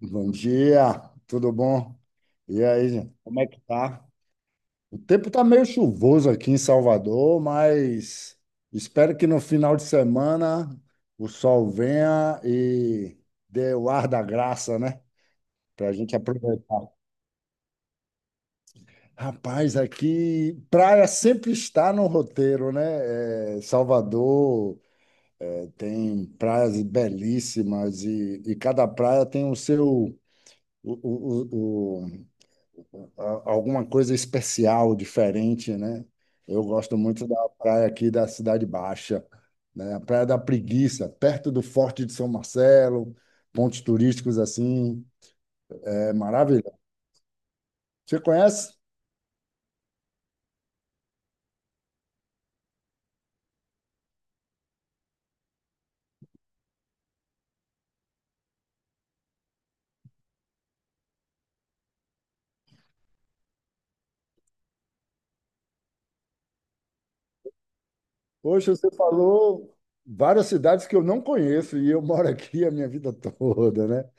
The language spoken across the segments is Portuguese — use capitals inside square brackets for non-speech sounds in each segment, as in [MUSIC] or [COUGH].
Bom dia, tudo bom? E aí, gente, como é que tá? O tempo tá meio chuvoso aqui em Salvador, mas espero que no final de semana o sol venha e dê o ar da graça, né? Pra gente aproveitar. Rapaz, aqui praia sempre está no roteiro, né? É, Salvador tem praias belíssimas e cada praia tem o seu o- a- alguma coisa especial, diferente, né? Eu gosto muito da praia aqui da Cidade Baixa, né? A Praia da Preguiça, perto do Forte de São Marcelo, pontos turísticos assim, é maravilhoso. Você conhece? Poxa, você falou várias cidades que eu não conheço e eu moro aqui a minha vida toda, né?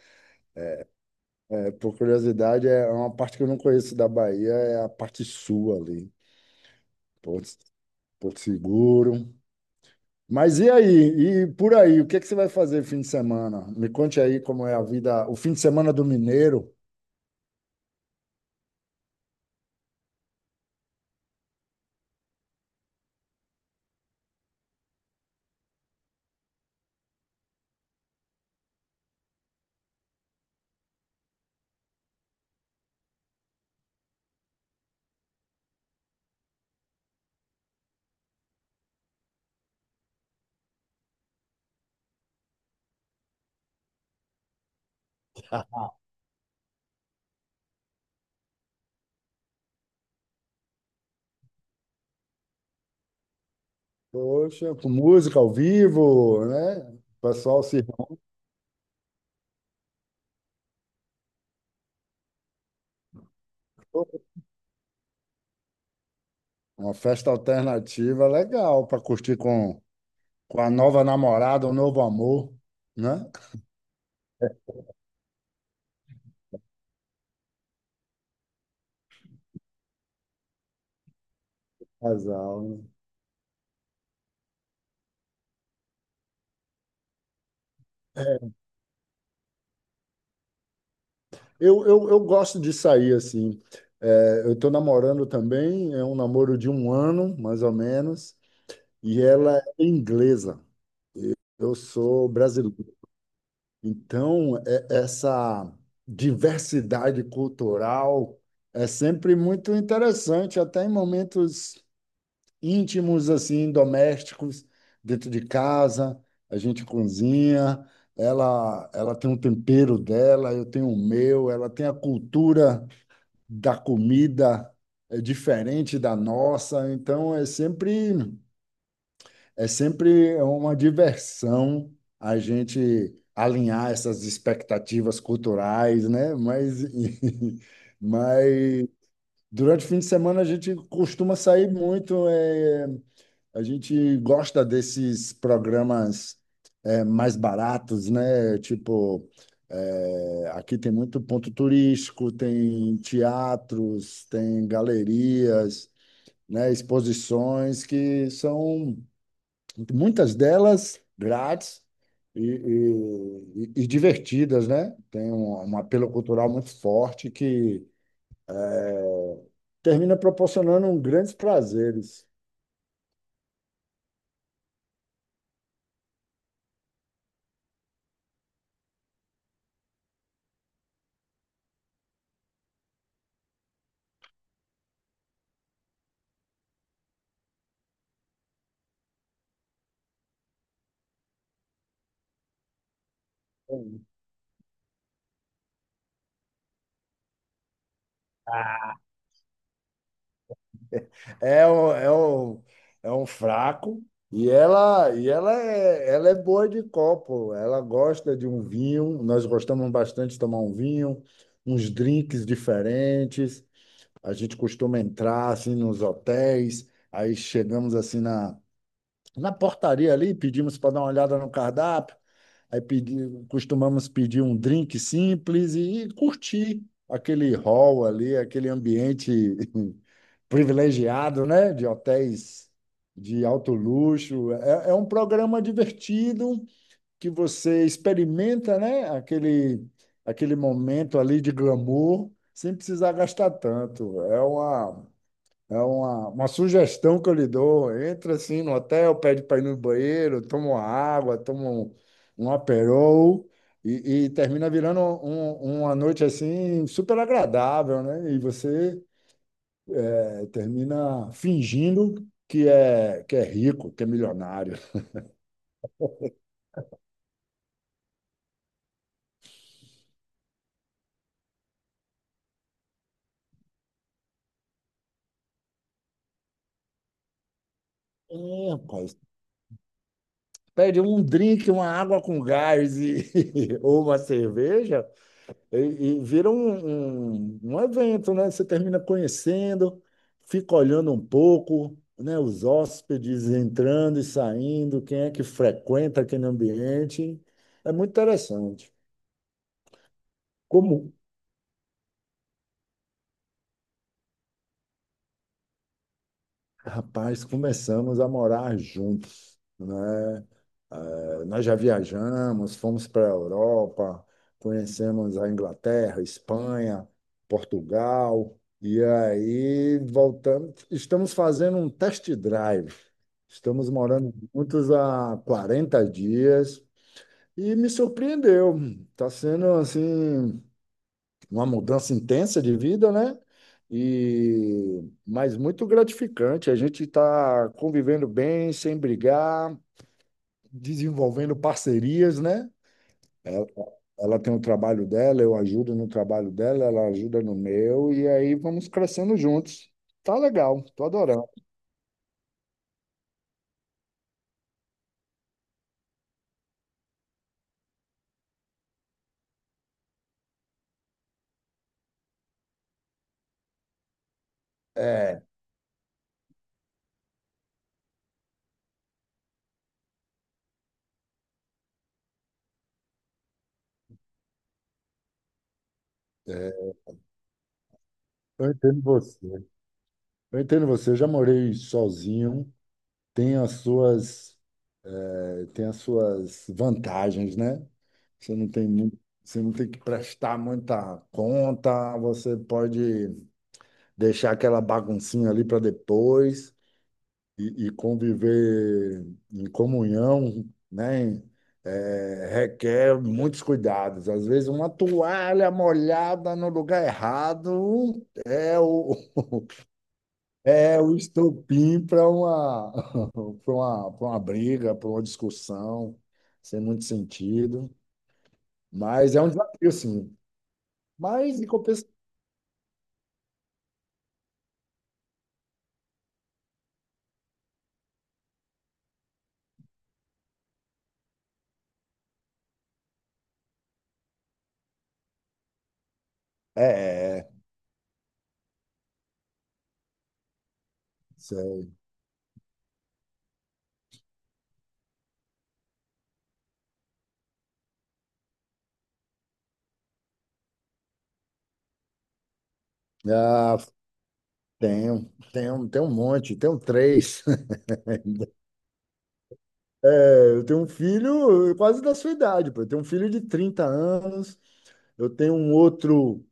É, por curiosidade, é uma parte que eu não conheço da Bahia, é a parte sul ali, Porto, Porto Seguro. Mas e aí? E por aí, o que é que você vai fazer fim de semana? Me conte aí como é a vida, o fim de semana do mineiro. Poxa, com música ao vivo, né? O pessoal se uma festa alternativa legal para curtir com a nova namorada, o novo amor, né? Casal, né? Eu gosto de sair assim. É, eu estou namorando também, é um namoro de um ano, mais ou menos, e ela é inglesa. Eu sou brasileiro. Então, essa diversidade cultural é sempre muito interessante, até em momentos íntimos, assim, domésticos, dentro de casa, a gente cozinha, ela tem um tempero dela, eu tenho o meu, ela tem a cultura da comida é diferente da nossa, então é sempre uma diversão a gente alinhar essas expectativas culturais, né? [LAUGHS] Mas durante o fim de semana a gente costuma sair muito. A gente gosta desses programas mais baratos, né? Tipo, aqui tem muito ponto turístico, tem teatros, tem galerias, né? Exposições que são muitas delas grátis e, e divertidas, né? Tem um apelo cultural muito forte que termina proporcionando um grandes prazeres. É, o- é, o- é um fraco e ela é boa de copo. Ela gosta de um vinho. Nós gostamos bastante de tomar um vinho, uns drinks diferentes. A gente costuma entrar assim nos hotéis. Aí chegamos assim na portaria ali, pedimos para dar uma olhada no cardápio, aí pedi, costumamos pedir um drink simples e curtir aquele hall ali, aquele ambiente [LAUGHS] privilegiado, né? De hotéis de alto luxo. É, é um programa divertido que você experimenta, né? Aquele, aquele momento ali de glamour sem precisar gastar tanto. É uma sugestão que eu lhe dou. Entra assim no hotel, pede para ir no banheiro, toma uma água, toma um Aperol e termina virando uma noite assim super agradável, né? E você termina fingindo que é rico, que é milionário. É, rapaz. Pede um drink, uma água com gás [LAUGHS] ou uma cerveja. E, e vira um evento, né? Você termina conhecendo, fica olhando um pouco, né? Os hóspedes entrando e saindo, quem é que frequenta aquele ambiente. É muito interessante. Como, Rapaz, começamos a morar juntos, né? Nós já viajamos, fomos para a Europa, conhecemos a Inglaterra, Espanha, Portugal, e aí voltamos. Estamos fazendo um test drive. Estamos morando juntos há 40 dias e me surpreendeu. Está sendo assim uma mudança intensa de vida, né? E mas muito gratificante. A gente está convivendo bem, sem brigar, desenvolvendo parcerias, né? Ela, ela tem o trabalho dela, eu ajudo no trabalho dela, ela ajuda no meu, e aí vamos crescendo juntos. Tá legal, tô adorando. É, eu entendo você. Eu entendo você. Eu já morei sozinho. Tem as suas Tem as suas vantagens, né? Você não tem muito, você não tem que prestar muita conta, você pode deixar aquela baguncinha ali para depois e conviver em comunhão, né? É, requer muitos cuidados. Às vezes uma toalha molhada no lugar errado é o estopim [LAUGHS] para uma briga, para uma discussão, sem muito sentido. Mas é um desafio, sim. Mas em compensação. É, é, sei. Ah, tenho um monte, tenho três. [LAUGHS] É, eu tenho um filho quase da sua idade, pô. Eu tenho um filho de 30 anos, eu tenho um outro,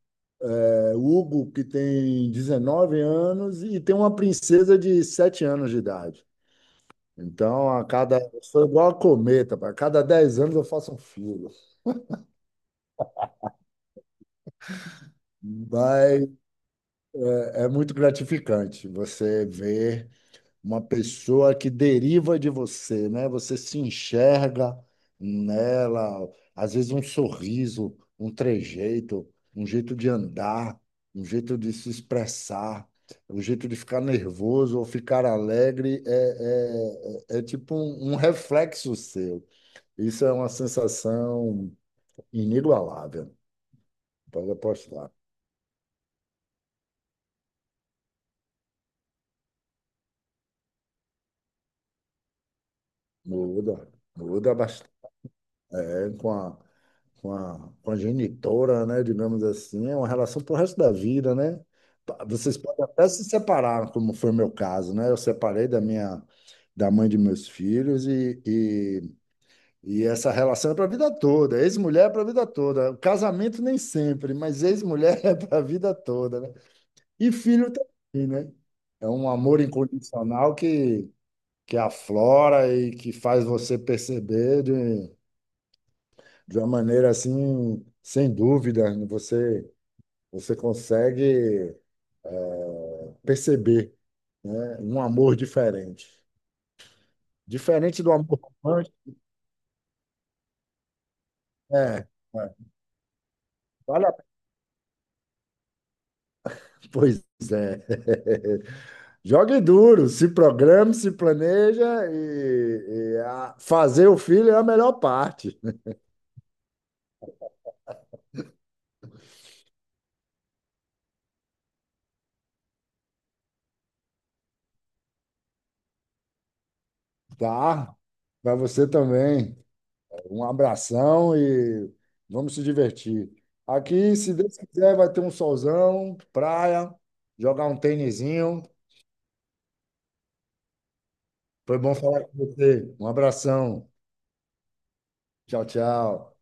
Hugo, que tem 19 anos, e tem uma princesa de 7 anos de idade. Então, a cada. eu sou igual a cometa, pô. A cada 10 anos eu faço um filho. Mas é muito gratificante você ver uma pessoa que deriva de você, né? Você se enxerga nela, às vezes um sorriso, um trejeito, um jeito de andar, um jeito de se expressar, um jeito de ficar nervoso ou ficar alegre, tipo um reflexo seu. Isso é uma sensação inigualável, pode apostar. Muda, muda bastante com a com a genitora, né, digamos assim, é uma relação pro resto da vida, né? Vocês podem até se separar, como foi o meu caso, né? Eu separei da mãe de meus filhos e essa relação é para a vida toda, ex-mulher é para a vida toda. O casamento nem sempre, mas ex-mulher [LAUGHS] é para a vida toda, né? E filho também, né? É um amor incondicional que aflora e que faz você perceber de uma maneira assim, sem dúvida, você consegue perceber, né, um amor diferente. Diferente do amor romântico. é, é. Vale a- Pois é. [LAUGHS] Jogue duro, se programe, se planeja fazer o filho é a melhor parte, tá? Para você também. Um abração e vamos se divertir. Aqui, se Deus quiser, vai ter um solzão, praia, jogar um tênisinho. Foi bom falar com você. Um abração. Tchau, tchau.